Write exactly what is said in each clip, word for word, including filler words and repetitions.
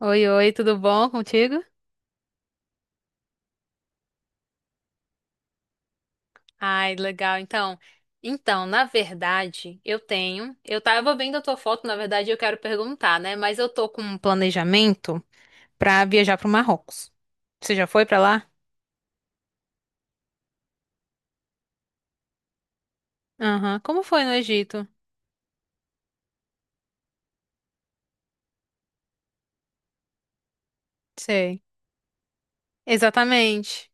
Oi, oi, tudo bom contigo? Ai, legal. Então, então, na verdade, eu tenho, eu tava vendo a tua foto, na verdade, eu quero perguntar, né? Mas eu tô com um planejamento pra viajar pro Marrocos. Você já foi pra lá? Aham. Como foi no Egito? Sei. Exatamente.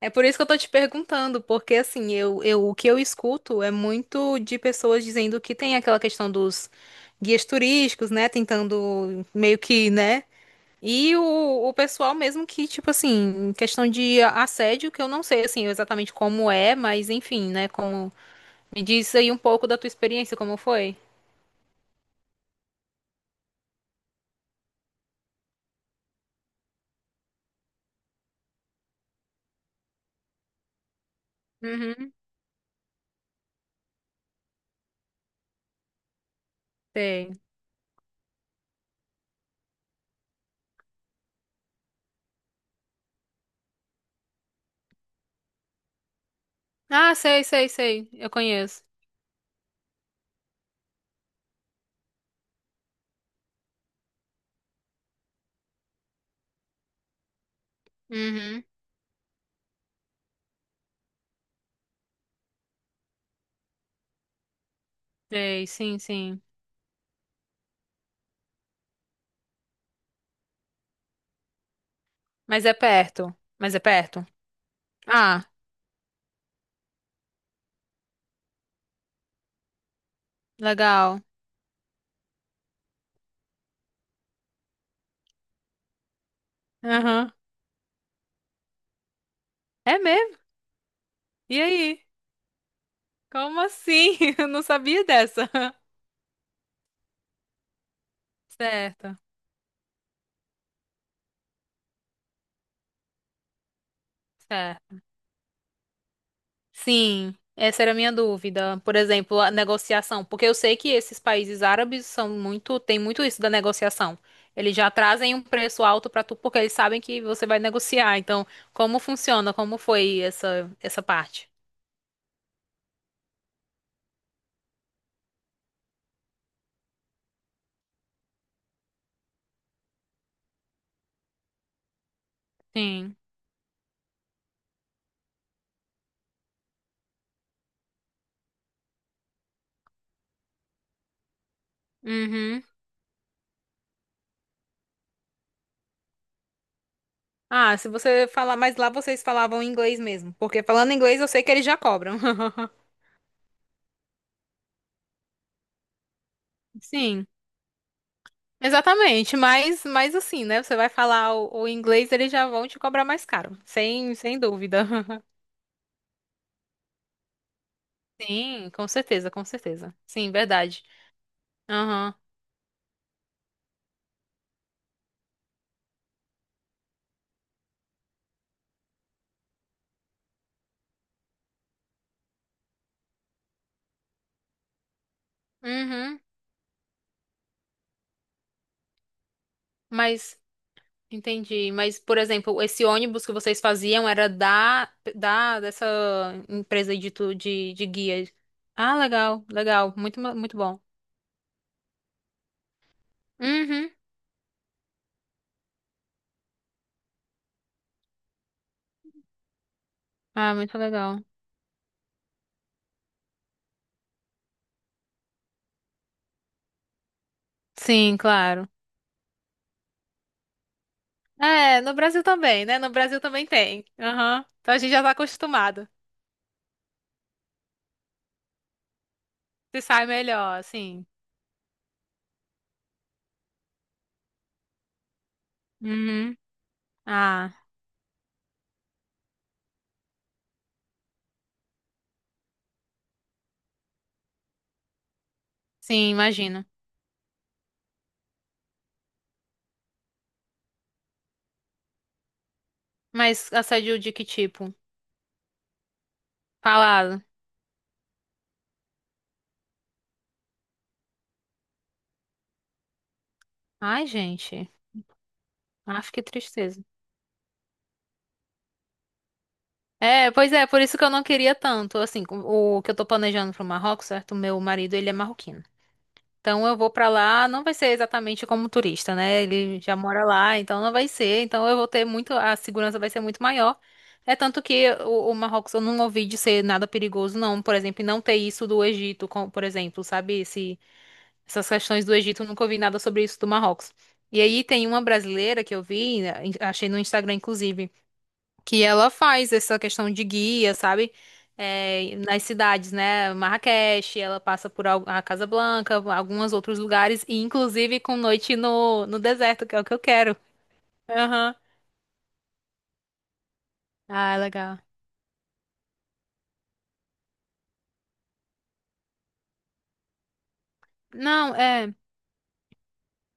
É por isso que eu tô te perguntando, porque assim, eu, eu, o que eu escuto é muito de pessoas dizendo que tem aquela questão dos guias turísticos, né? Tentando meio que, né? E o, o pessoal mesmo que, tipo assim, em questão de assédio, que eu não sei, assim, exatamente como é, mas enfim, né, como... Me diz aí um pouco da tua experiência, como foi? Uhum, sei. Ah, sei, sei, sei, eu conheço. Uhum, sei, sim, sim. Mas é perto, mas é perto. Ah, legal. Aham. É mesmo? E aí? Como assim? Eu não sabia dessa. Certo, certo. Sim, essa era a minha dúvida. Por exemplo, a negociação, porque eu sei que esses países árabes são muito, tem muito isso da negociação. Eles já trazem um preço alto pra tu porque eles sabem que você vai negociar. Então, como funciona? Como foi essa essa parte? Sim. Uhum. Ah, se você falar, mas lá vocês falavam inglês mesmo, porque falando inglês eu sei que eles já cobram. Sim, exatamente, mas mas assim, né? Você vai falar o, o inglês, eles já vão te cobrar mais caro, sem sem dúvida. Sim, com certeza, com certeza. Sim, verdade. Aham. Uhum. Mas, entendi. Mas, por exemplo, esse ônibus que vocês faziam era da, da dessa empresa aí de, tu- de, de guia. Ah, legal, legal. Muito, ma- muito bom. Uhum. Ah, muito legal. Sim, claro. É, no Brasil também, né? No Brasil também tem. Aham. Então a gente já tá acostumado. Se sai melhor, sim, uhum. Ah, sim, imagino. Mas assédio de que tipo? Fala. Ai, gente. Acho que tristeza. É, pois é, por isso que eu não queria tanto. Assim, com- o que eu tô planejando pro Marrocos, certo? O meu marido, ele é marroquino. Então eu vou pra lá, não vai ser exatamente como turista, né? Ele já mora lá, então não vai ser. Então eu vou ter muito, a segurança vai ser muito maior. É tanto que o, o Marrocos eu não ouvi de ser nada perigoso, não. Por exemplo, e não ter isso do Egito, com- por exemplo, sabe? Esse, essas questões do Egito, eu nunca ouvi nada sobre isso do Marrocos. E aí tem uma brasileira que eu vi, né, em- achei no Instagram, inclusive, que ela faz essa questão de guia, sabe? É, nas cidades, né? Marrakech, ela passa por al- a Casablanca, alguns outros lugares, e inclusive com noite no, no deserto, que é o que eu quero. Aham. Ah, legal. Não, é,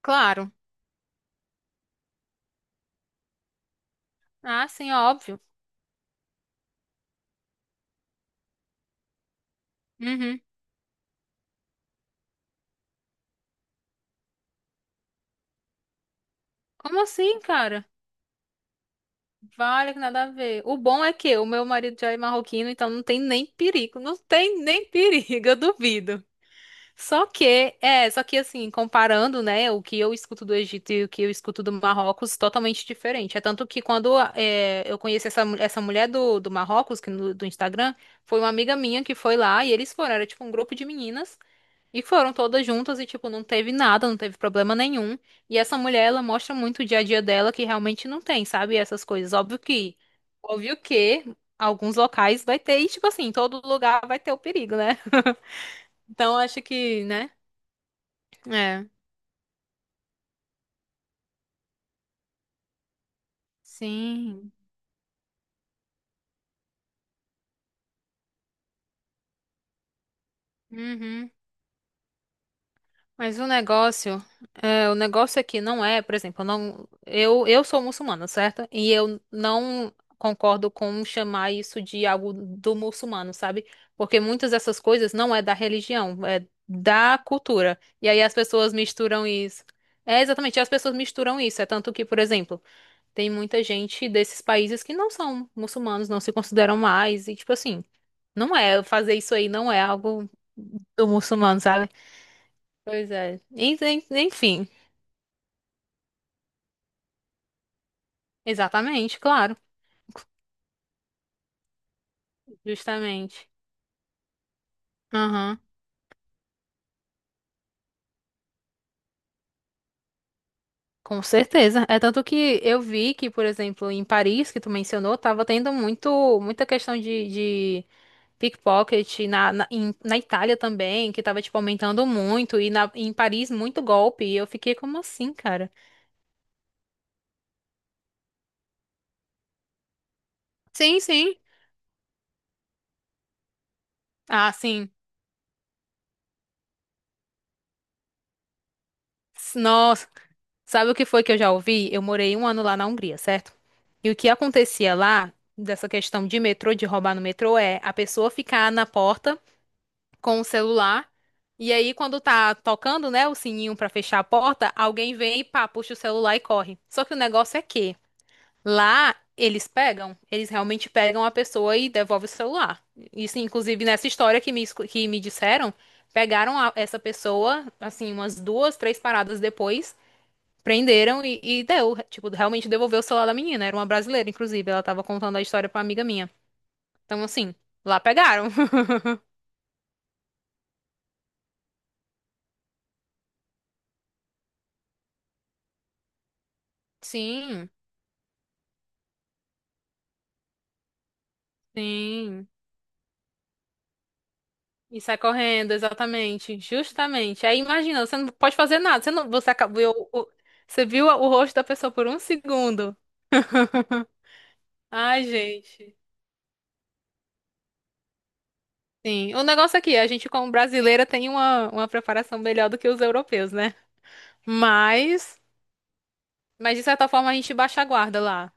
claro. Ah, sim, é óbvio. Uhum. Como assim, cara? Vale que nada a ver. O bom é que o meu marido já é marroquino, então não tem nem perigo. Não tem nem perigo, eu duvido. Só que, é, só que assim, comparando, né, o que eu escuto do Egito e o que eu escuto do Marrocos, totalmente diferente. É tanto que quando é, eu conheci essa, mu- essa mulher do, do Marrocos, que no- do Instagram, foi uma amiga minha que foi lá e eles foram, era tipo um grupo de meninas, e foram todas juntas e, tipo, não teve nada, não teve problema nenhum. E essa mulher, ela mostra muito o dia a dia dela que realmente não tem, sabe, essas coisas. Óbvio que, óbvio que alguns locais vai ter, e tipo assim, todo lugar vai ter o perigo, né? Então, acho que, né? É, sim. Uhum. Mas o negócio, é, o negócio aqui não é, por exemplo, eu não, eu, eu sou muçulmana, certo? E eu não concordo com chamar isso de algo do muçulmano, sabe? Porque muitas dessas coisas não é da religião, é da cultura. E aí as pessoas misturam isso. É exatamente, as pessoas misturam isso. É tanto que, por exemplo, tem muita gente desses países que não são muçulmanos, não se consideram mais, e tipo assim. Não é, fazer isso aí não é algo do muçulmano, sabe? Pois é. En- en- Enfim, exatamente, claro, justamente. Aham, com certeza. É tanto que eu vi que, por exemplo, em Paris, que tu mencionou, tava tendo muito, muita questão de, de pickpocket na, na, em- na Itália também, que tava, tipo, aumentando muito, e na, em Paris muito golpe, e eu fiquei como assim, cara? Sim, sim. Ah, sim. Nossa. Sabe o que foi que eu já ouvi? Eu morei um ano lá na Hungria, certo? E o que acontecia lá, dessa questão de metrô, de roubar no metrô, é a pessoa ficar na porta com o celular. E aí, quando tá tocando, né, o sininho pra fechar a porta, alguém vem e pá, puxa o celular e corre. Só que o negócio é que lá eles pegam, eles realmente pegam a pessoa e devolvem o celular. Isso, inclusive, nessa história que me, escu- que me disseram, pegaram a- essa pessoa, assim, umas duas, três paradas depois. Prenderam e, e deu, tipo, realmente devolveu o celular da menina. Era uma brasileira, inclusive. Ela tava contando a história pra uma amiga minha. Então, assim, lá pegaram. Sim, sim. E sai correndo, exatamente. Justamente. Aí imagina, você não pode fazer nada. Você não, você acabou, eu- o- você viu o rosto da pessoa por um segundo. Ai, gente. Sim. O negócio aqui, a gente como brasileira tem uma, uma preparação melhor do que os europeus, né? Mas, mas de certa forma a gente baixa a guarda lá.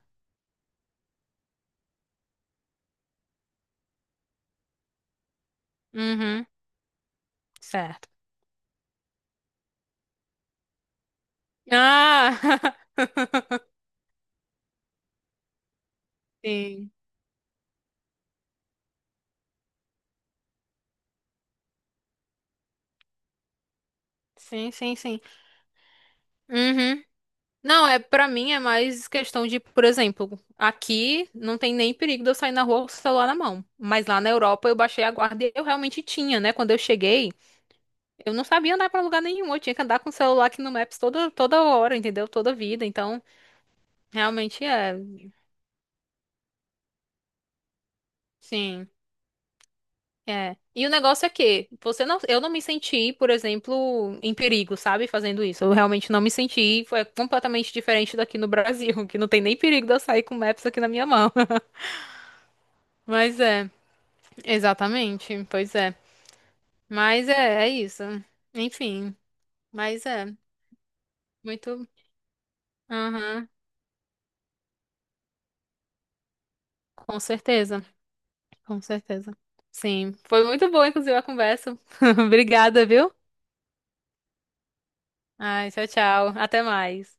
Uhum. Certo. Ah, sim, sim, sim, sim. Uhum. Não, é, para mim é mais questão de, por exemplo, aqui não tem nem perigo de eu sair na rua com o celular na mão. Mas lá na Europa eu baixei a guarda e eu realmente tinha, né? Quando eu cheguei, eu não sabia andar pra lugar nenhum. Eu tinha que andar com o celular aqui no Maps toda, toda hora, entendeu? Toda vida. Então, realmente é. Sim. É. E o negócio é que você não, eu não me senti, por exemplo, em perigo, sabe, fazendo isso. Eu realmente não me senti, foi completamente diferente daqui no Brasil, que não tem nem perigo de eu sair com o Maps aqui na minha mão. Mas é, exatamente, pois é. Mas é, é isso. Enfim, mas é muito, aham, com certeza, com certeza. Sim, foi muito boa, inclusive, a conversa. Obrigada, viu? Ai, tchau, tchau. Até mais.